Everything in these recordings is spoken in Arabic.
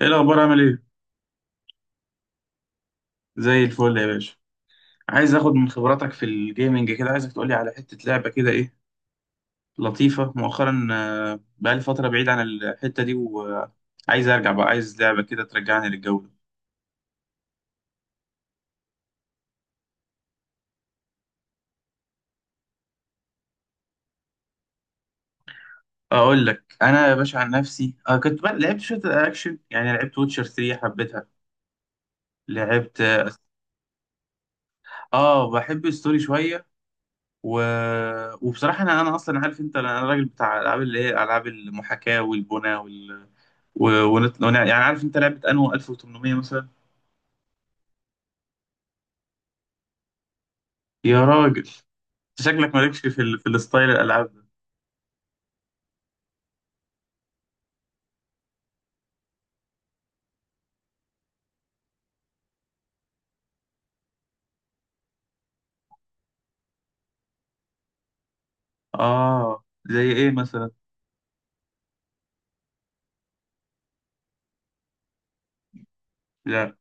ايه الاخبار؟ عامل ايه؟ زي الفل يا باشا. عايز اخد من خبراتك في الجيمنج كده، عايزك تقولي على حتة لعبة كده ايه لطيفة مؤخرا. بقالي فترة بعيد عن الحتة دي وعايز ارجع بقى، عايز لعبة كده ترجعني للجو ده. اقول لك انا يا باشا، عن نفسي كنت بقى لعبت شوية اكشن، يعني لعبت ووتشر 3، حبيتها. لعبت اه. بحب الستوري شوية. و... وبصراحة انا اصلا، عارف انت، انا راجل بتاع العاب اللي هي العاب المحاكاة والبناء. و... يعني عارف انت لعبة انو 1800 مثلا. يا راجل انت! شكلك مالكش في في الستايل الالعاب ده. اه. زي ايه مثلا؟ لا.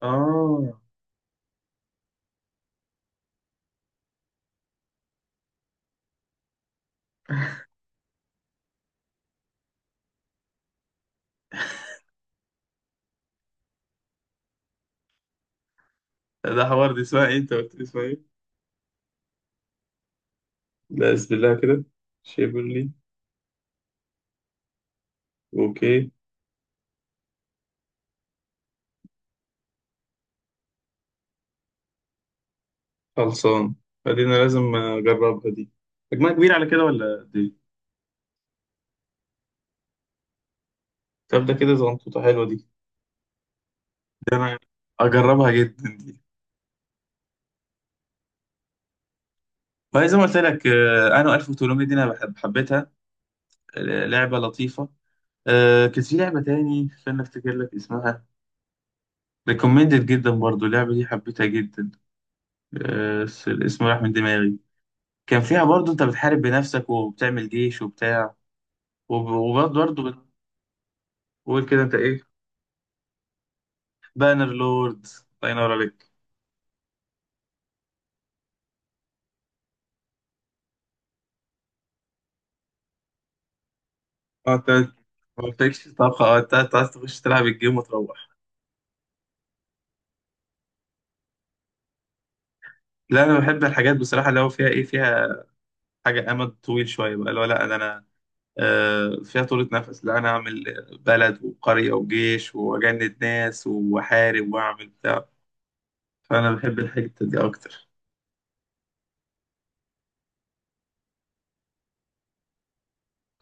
اه، ده حوار. دي اسمها ايه؟ انت قلت لي اسمها ايه؟ لا بسم الله كده. شيبرلي. اوكي. خلصان. فدي انا لازم اجربها دي. حجمها كبير على كده ولا دي؟ طب ده كده زنطوطة حلوة دي. انا اجربها جدا دي. فزي ما قلت لك، انا 1800 دي انا بحب، حبيتها. آه، لعبة لطيفة. آه كان في لعبة تاني، استنى افتكر لك اسمها. ريكومندد جدا برضو اللعبة دي، حبيتها جدا. الاسم راح من دماغي. كان فيها برضو انت بتحارب بنفسك وبتعمل جيش وبتاع، وبرضو بتقول كده انت ايه؟ بانر لورد. الله ينور عليك. اه انت، ما قلتلكش طبخة؟ اه انت، عايز تخش تلعب الجيم وتروح. لا انا بحب الحاجات بصراحة اللي هو فيها ايه، فيها حاجة امد طويل شوية بقى، اللي هو لا ده انا، فيها طولة نفس. لا أنا أعمل بلد وقرية وجيش وأجند ناس وأحارب وأعمل بتاع. فأنا بحب الحتة دي أكتر.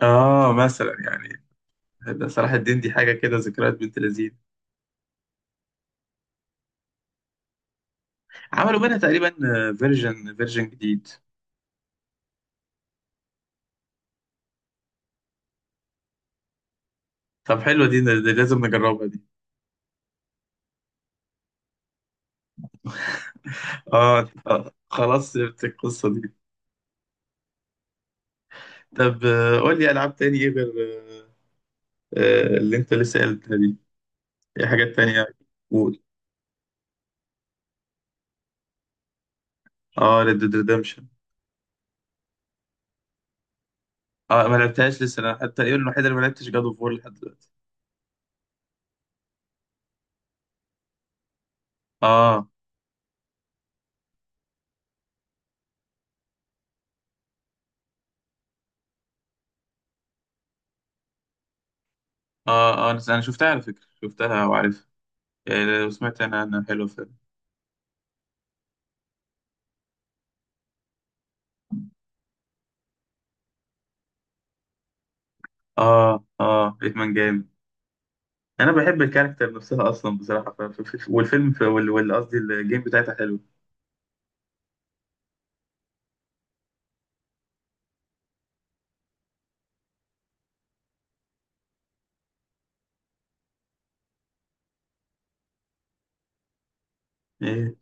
آه مثلا يعني. ده صلاح الدين دي حاجة كده، ذكريات بنت لذيذ. عملوا منها تقريبا فيرجن، فيرجن جديد. طب حلوة دي، ده لازم نجربها دي. خلاص سبت القصة دي. طب، قول لي ألعاب تاني إيه غير اللي أنت لسه قلتها دي. إيه حاجات تانية؟ قول. آه ريد ديد. اه ما لعبتهاش لسه انا حتى، ايه الوحيده اللي ما لعبتش، جاد اوف وور لحد دلوقتي. اه. اه انا، شفتها على فكره، شفتها وعارفها يعني، وسمعت انا حلو فيلم. اه اه بيتمان جامد. انا بحب الكاركتر نفسها اصلا بصراحه. والفيلم قصدي الجيم بتاعتها حلو. ايه؟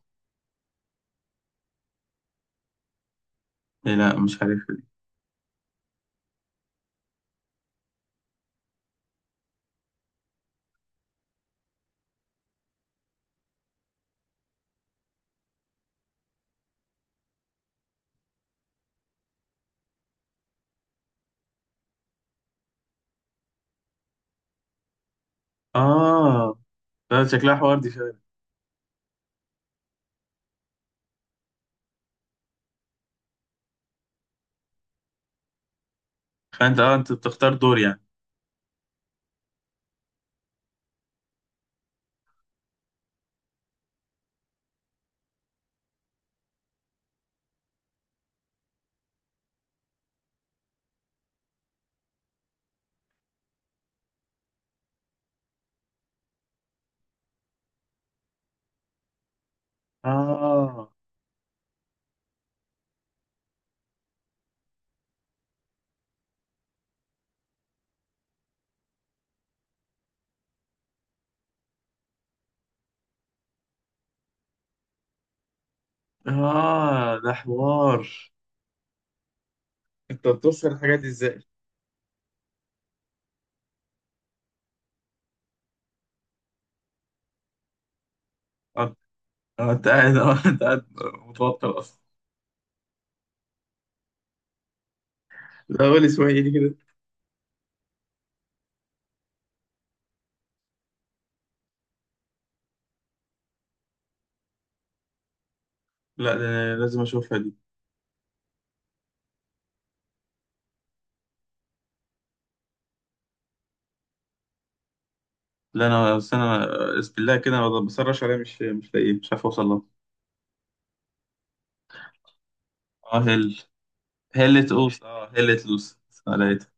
إيه؟ لا مش عارف دي. اه لا شكلها حوار دي فعلا. فانت اه، انت بتختار دور يعني. اه. اه ده حوار. انت بتوصل الحاجات دي ازاي؟ آه، انت قاعد، انت قاعد متوتر اصلا. لا قول اسمعي كده. لا ده أنا لازم اشوفها دي. لا انا بس انا، بسم الله كده أنا بسرش عليها، مش لاقيه، مش عارف اوصل لها. اه هل. هلت اوس اه هلت لوس. آه، لقيتها.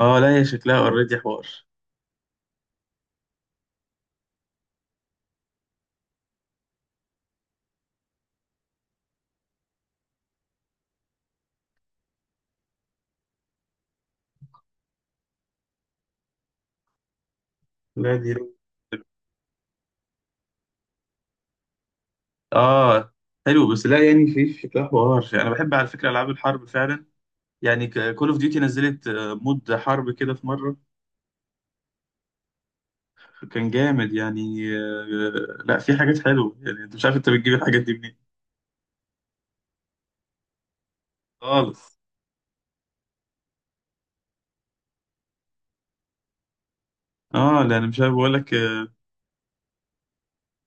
اه لا هي شكلها اوريدي حوار. لا دي. اه حلو بس لا يعني، في شكلها حوار. انا بحب على فكره العاب الحرب فعلا يعني. كول اوف ديوتي نزلت مود حرب كده في مره، كان جامد يعني. لا في حاجات حلوه يعني، انت مش عارف انت بتجيب الحاجات دي منين. خالص. اه لا انا مش عارف بقول لك.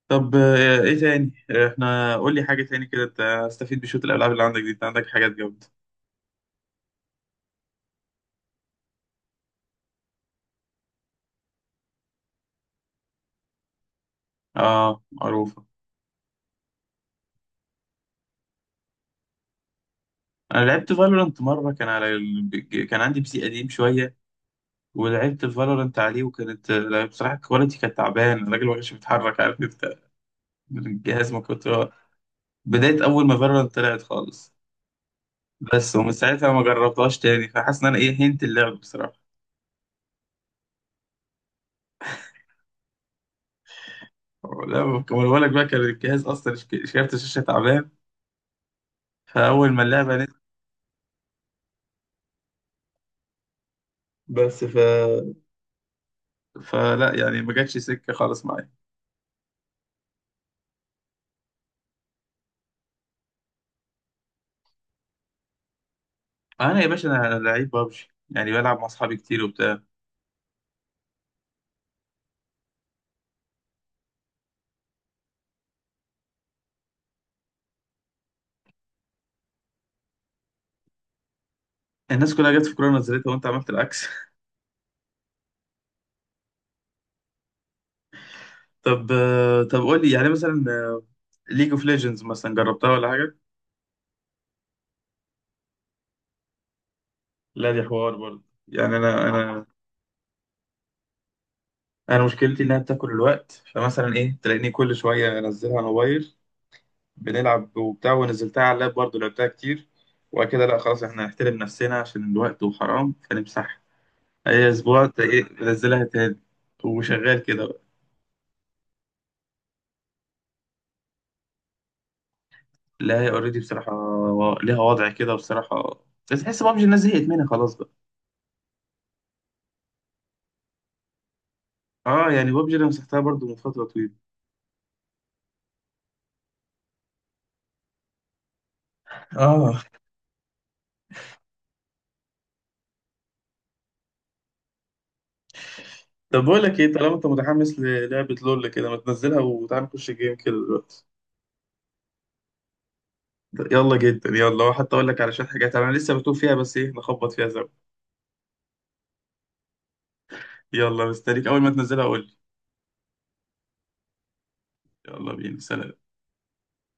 طب، ايه تاني؟ احنا، قول لي حاجة تاني كده، استفيد بشوط الالعاب اللي عندك دي، انت عندك حاجات جامدة. اه معروفة. انا لعبت فالورانت مرة، كان على كان عندي بي سي قديم شوية، ولعبت فالورانت عليه وكانت، لا، بصراحة الكواليتي كانت تعبان، الراجل ما كانش بيتحرك، عارف انت، الجهاز ما بداية اول ما فالورانت طلعت خالص. بس ومن ساعتها ما جربتهاش تاني، فحاسس ان انا ايه، هنت اللعب بصراحة. لا ما بقول لك بقى، كان الجهاز اصلا كارت الشاشة تعبان، فاول ما اللعبة نزلت. بس ف فلا يعني ما جاتش سكه خالص معايا. انا يا باشا انا لعيب بابجي، يعني بلعب مع اصحابي كتير وبتاع. الناس كلها جت في كورونا نزلتها وانت عملت العكس. طب، طب قول لي يعني مثلا، ليج اوف ليجندز مثلا جربتها ولا حاجه؟ لا دي حوار برضه يعني، انا انا مشكلتي انها بتاكل الوقت، فمثلا ايه، تلاقيني كل شويه انزلها على الموبايل، بنلعب وبتاع، ونزلتها على اللاب برضه لعبتها كتير، وبعد كده لا خلاص احنا هنحترم نفسنا عشان الوقت وحرام فنمسحها، اي اسبوع تلاقي بنزلها تاني، وشغال كده. لا هي اوريدي بصراحة ليها وضع كده بصراحة، بس تحس بابجي الناس زهقت منها خلاص بقى. اه يعني بابجي انا مسحتها برضو من فترة طويلة. اه. طب بقول لك ايه، طالما انت متحمس للعبة لول كده ما تنزلها وتعالى نخش الجيم كده دلوقتي. يلا جدا، يلا حتى اقول لك على شوية حاجات انا لسه بتوه فيها، بس ايه نخبط فيها زي. يلا مستنيك، اول ما تنزلها قول لي. يلا بينا، سلام.